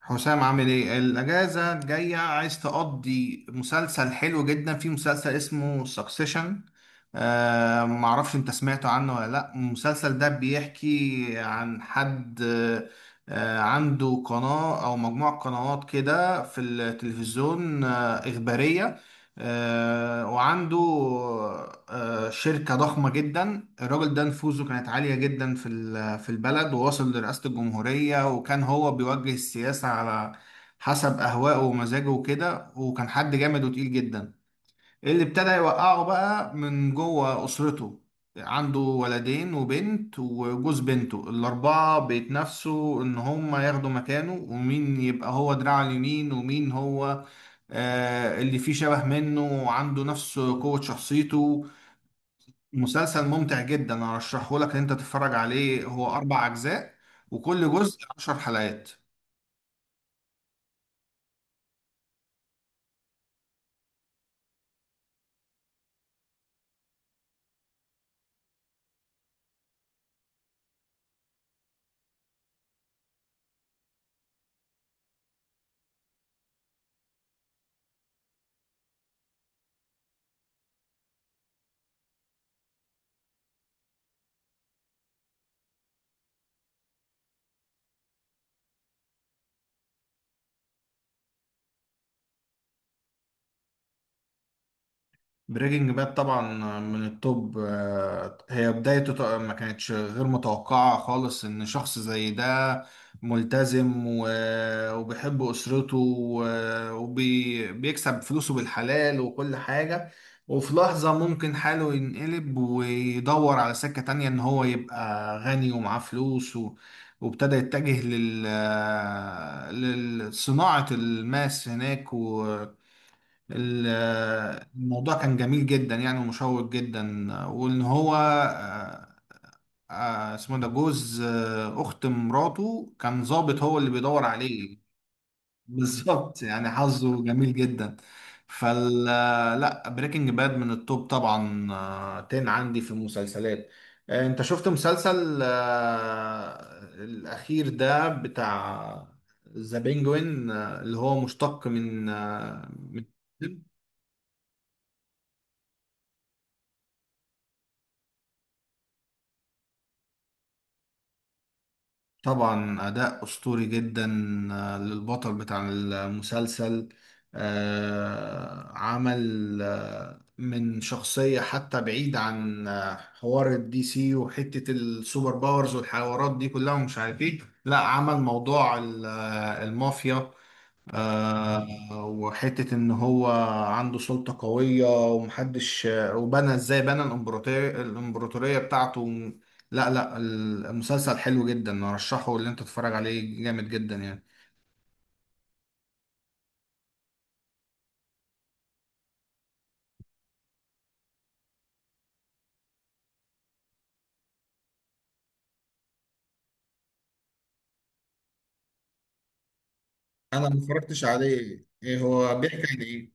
حسام، عامل ايه؟ الاجازه الجايه عايز تقضي مسلسل حلو جدا، في مسلسل اسمه سكسيشن. معرفش انت سمعت عنه ولا لا. المسلسل ده بيحكي عن حد عنده قناه او مجموعه قنوات كده في التلفزيون، اخباريه، وعنده شركة ضخمة جدا. الراجل ده نفوذه كانت عالية جدا في في البلد، ووصل لرئاسة الجمهورية، وكان هو بيوجه السياسة على حسب أهوائه ومزاجه وكده، وكان حد جامد وتقيل جدا. اللي ابتدى يوقعه بقى من جوه أسرته. عنده ولدين وبنت وجوز بنته، الأربعة بيتنافسوا إن هما ياخدوا مكانه، ومين يبقى هو دراعه اليمين، ومين هو اللي فيه شبه منه وعنده نفس قوة شخصيته. مسلسل ممتع جدا، أرشحه لك إن أنت تتفرج عليه. هو أربع أجزاء، وكل جزء 10 حلقات. بريكنج باد طبعا من التوب. هي بدايته ما كانتش غير متوقعة خالص، ان شخص زي ده ملتزم وبيحب اسرته وبيكسب فلوسه بالحلال وكل حاجة، وفي لحظة ممكن حاله ينقلب ويدور على سكة تانية، ان هو يبقى غني ومعاه فلوس وابتدى يتجه لصناعة الماس هناك. ال- الموضوع كان جميل جدا يعني، ومشوق جدا، وان هو اسمه ده جوز اخت مراته كان ظابط هو اللي بيدور عليه. بالظبط، يعني حظه جميل جدا. فال لا، بريكنج باد من التوب طبعا، تن عندي في المسلسلات. انت شفت مسلسل الاخير ده بتاع ذا بينجوين، اللي هو مشتق من طبعا أداء أسطوري جدا للبطل بتاع المسلسل. عمل من شخصية، حتى بعيد عن حوار الدي سي وحتة السوبر باورز والحوارات دي كلها ومش عارف ايه. لا، عمل موضوع المافيا، آه، وحتة إن هو عنده سلطة قوية ومحدش، وبنى، إزاي بنى الإمبراطورية، الإمبراطورية بتاعته. لا لا، المسلسل حلو جدا، أرشحه اللي أنت تتفرج عليه، جامد جدا يعني. أنا ما اتفرجتش عليه. إيه هو بيحكي عن إيه؟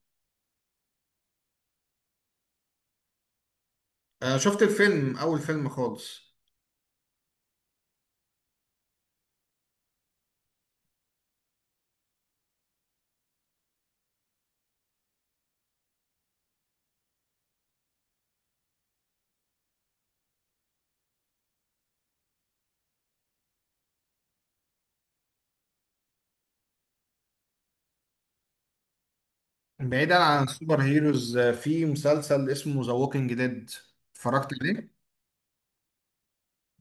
أنا شفت الفيلم، أول فيلم خالص. بعيدا عن السوبر هيروز، في مسلسل اسمه ذا ووكينج ديد. اتفرجت عليه؟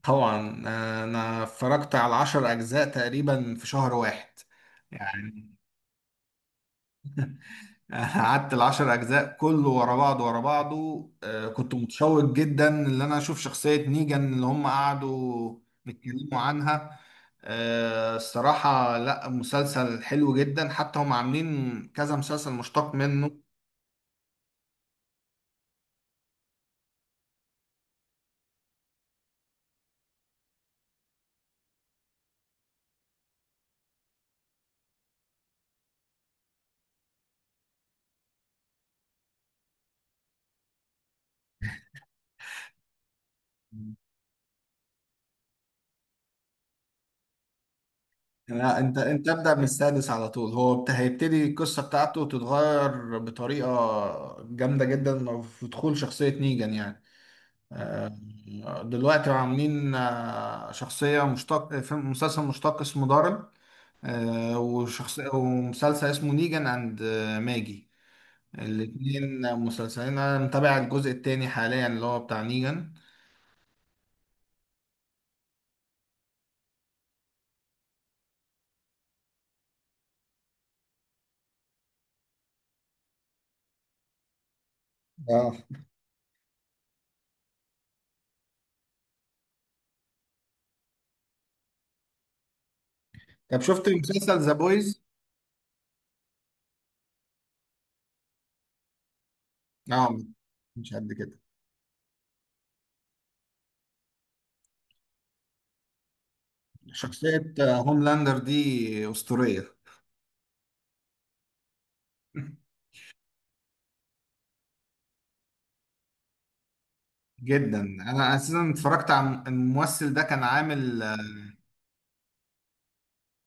طبعا، أنا اتفرجت على 10 أجزاء تقريبا في شهر واحد يعني. قعدت ال10 اجزاء كله ورا بعض، ورا بعضه. كنت متشوق جدا ان انا اشوف شخصية نيجان، اللي هم قعدوا بيتكلموا عنها. الصراحة، لا، مسلسل حلو جدا، حتى هم عاملين كذا مسلسل مشتق منه. لا انت، انت ابدأ من السادس على طول. هو هيبتدي القصة بتاعته تتغير بطريقة جامدة جدا في دخول شخصية نيجان يعني. آه، دلوقتي عاملين شخصية مشتق في مسلسل مشتق اسمه دارل، وشخصية ومسلسل اسمه نيجان اند ماجي. الاتنين مسلسلين، انا متابع الجزء التاني حاليا اللي هو بتاع نيجان. اه. طب شفت مسلسل ذا بويز؟ اه، مش قد كده. شخصية هوملاندر دي أسطورية. جدا. انا اساسا اتفرجت على الممثل ده، كان عامل،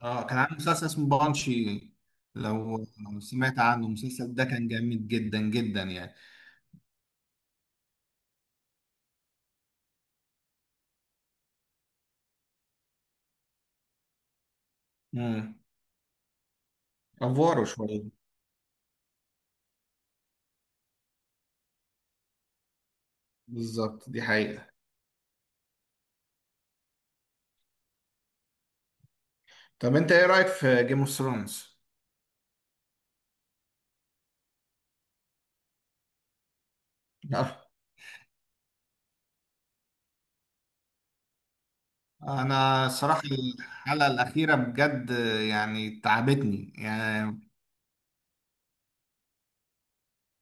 اه كان عامل مسلسل اسمه بانشي. لو لو سمعت عنه المسلسل ده كان جامد جدا جدا يعني. امم. افواره شويه. بالظبط، دي حقيقة. طب انت ايه رأيك في جيم اوف ثرونز؟ انا الصراحة الحلقة الأخيرة بجد يعني تعبتني يعني.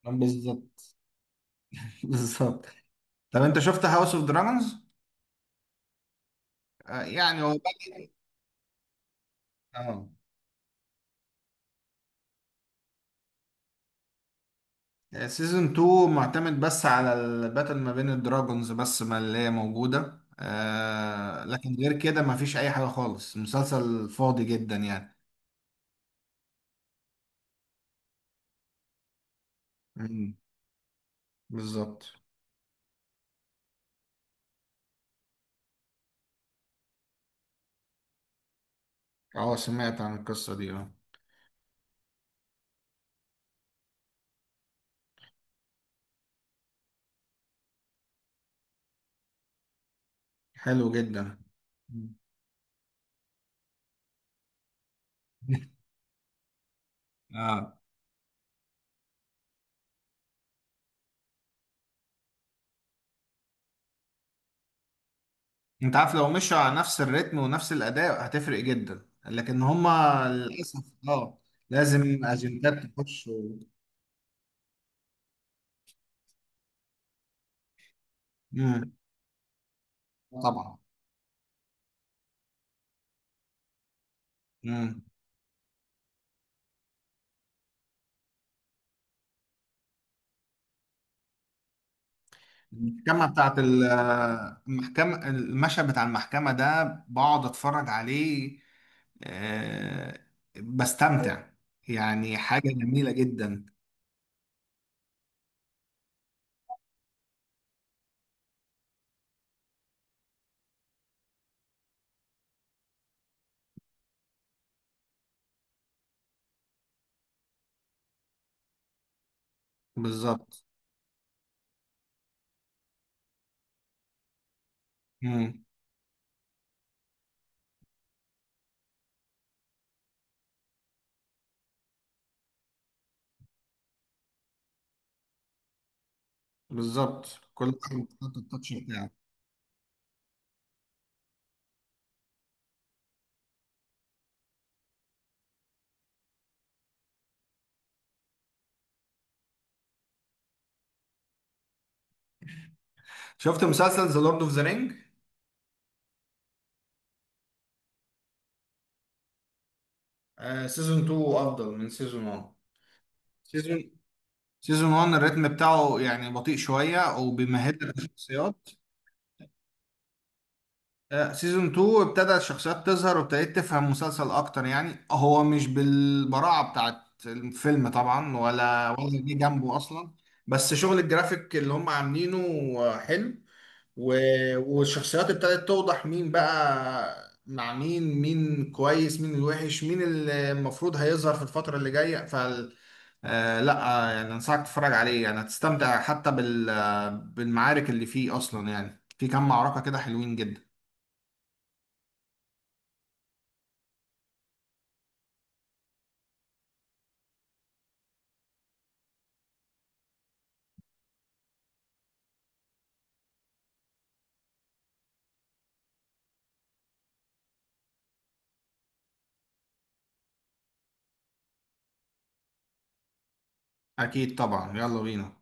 بالظبط. بالظبط. طب انت شفت هاوس اوف دراجونز؟ يعني هو بقى- اه، سيزون 2 معتمد بس على الباتل ما بين الدراجونز بس ما، اللي هي موجودة، آه، لكن غير كده ما فيش أي حاجة خالص، مسلسل فاضي جدا يعني. مم، بالظبط. اه، سمعت عن القصة دي اه. حلو جدا. مم. اه. انت عارف، لو مشوا على نفس الريتم ونفس الأداء هتفرق جدا، لكن هما للأسف اه. لازم أجندات تخش و... مم، طبعا. مم. المحكمة بتاعت المحكمة، المشهد بتاع المحكمة ده بقعد اتفرج عليه، آه، بستمتع، يعني حاجة جميلة جدا. بالظبط. مم. بالظبط، كل حاجة بتحط التاتش بتاعك. شفت مسلسل ذا لورد اوف ذا رينج؟ سيزون 2 افضل من سيزون 1. سيزون سيزون 1 الريتم بتاعه يعني بطيء شوية، وبيمهد لك الشخصيات. سيزون 2 ابتدى الشخصيات تظهر، وابتديت تفهم المسلسل اكتر يعني. هو مش بالبراعة بتاعت الفيلم طبعا، ولا جه جنبه اصلا، بس شغل الجرافيك اللي هم عاملينه حلو، والشخصيات ابتدت توضح مين بقى مع مين، مين كويس، مين الوحش، مين اللي المفروض هيظهر في الفترة اللي جاية. فال آه لا آه، يعني انصحك تتفرج عليه، يعني هتستمتع حتى بالمعارك اللي فيه اصلا، يعني في كام معركة كده حلوين جدا. اكيد طبعا، يلا بينا.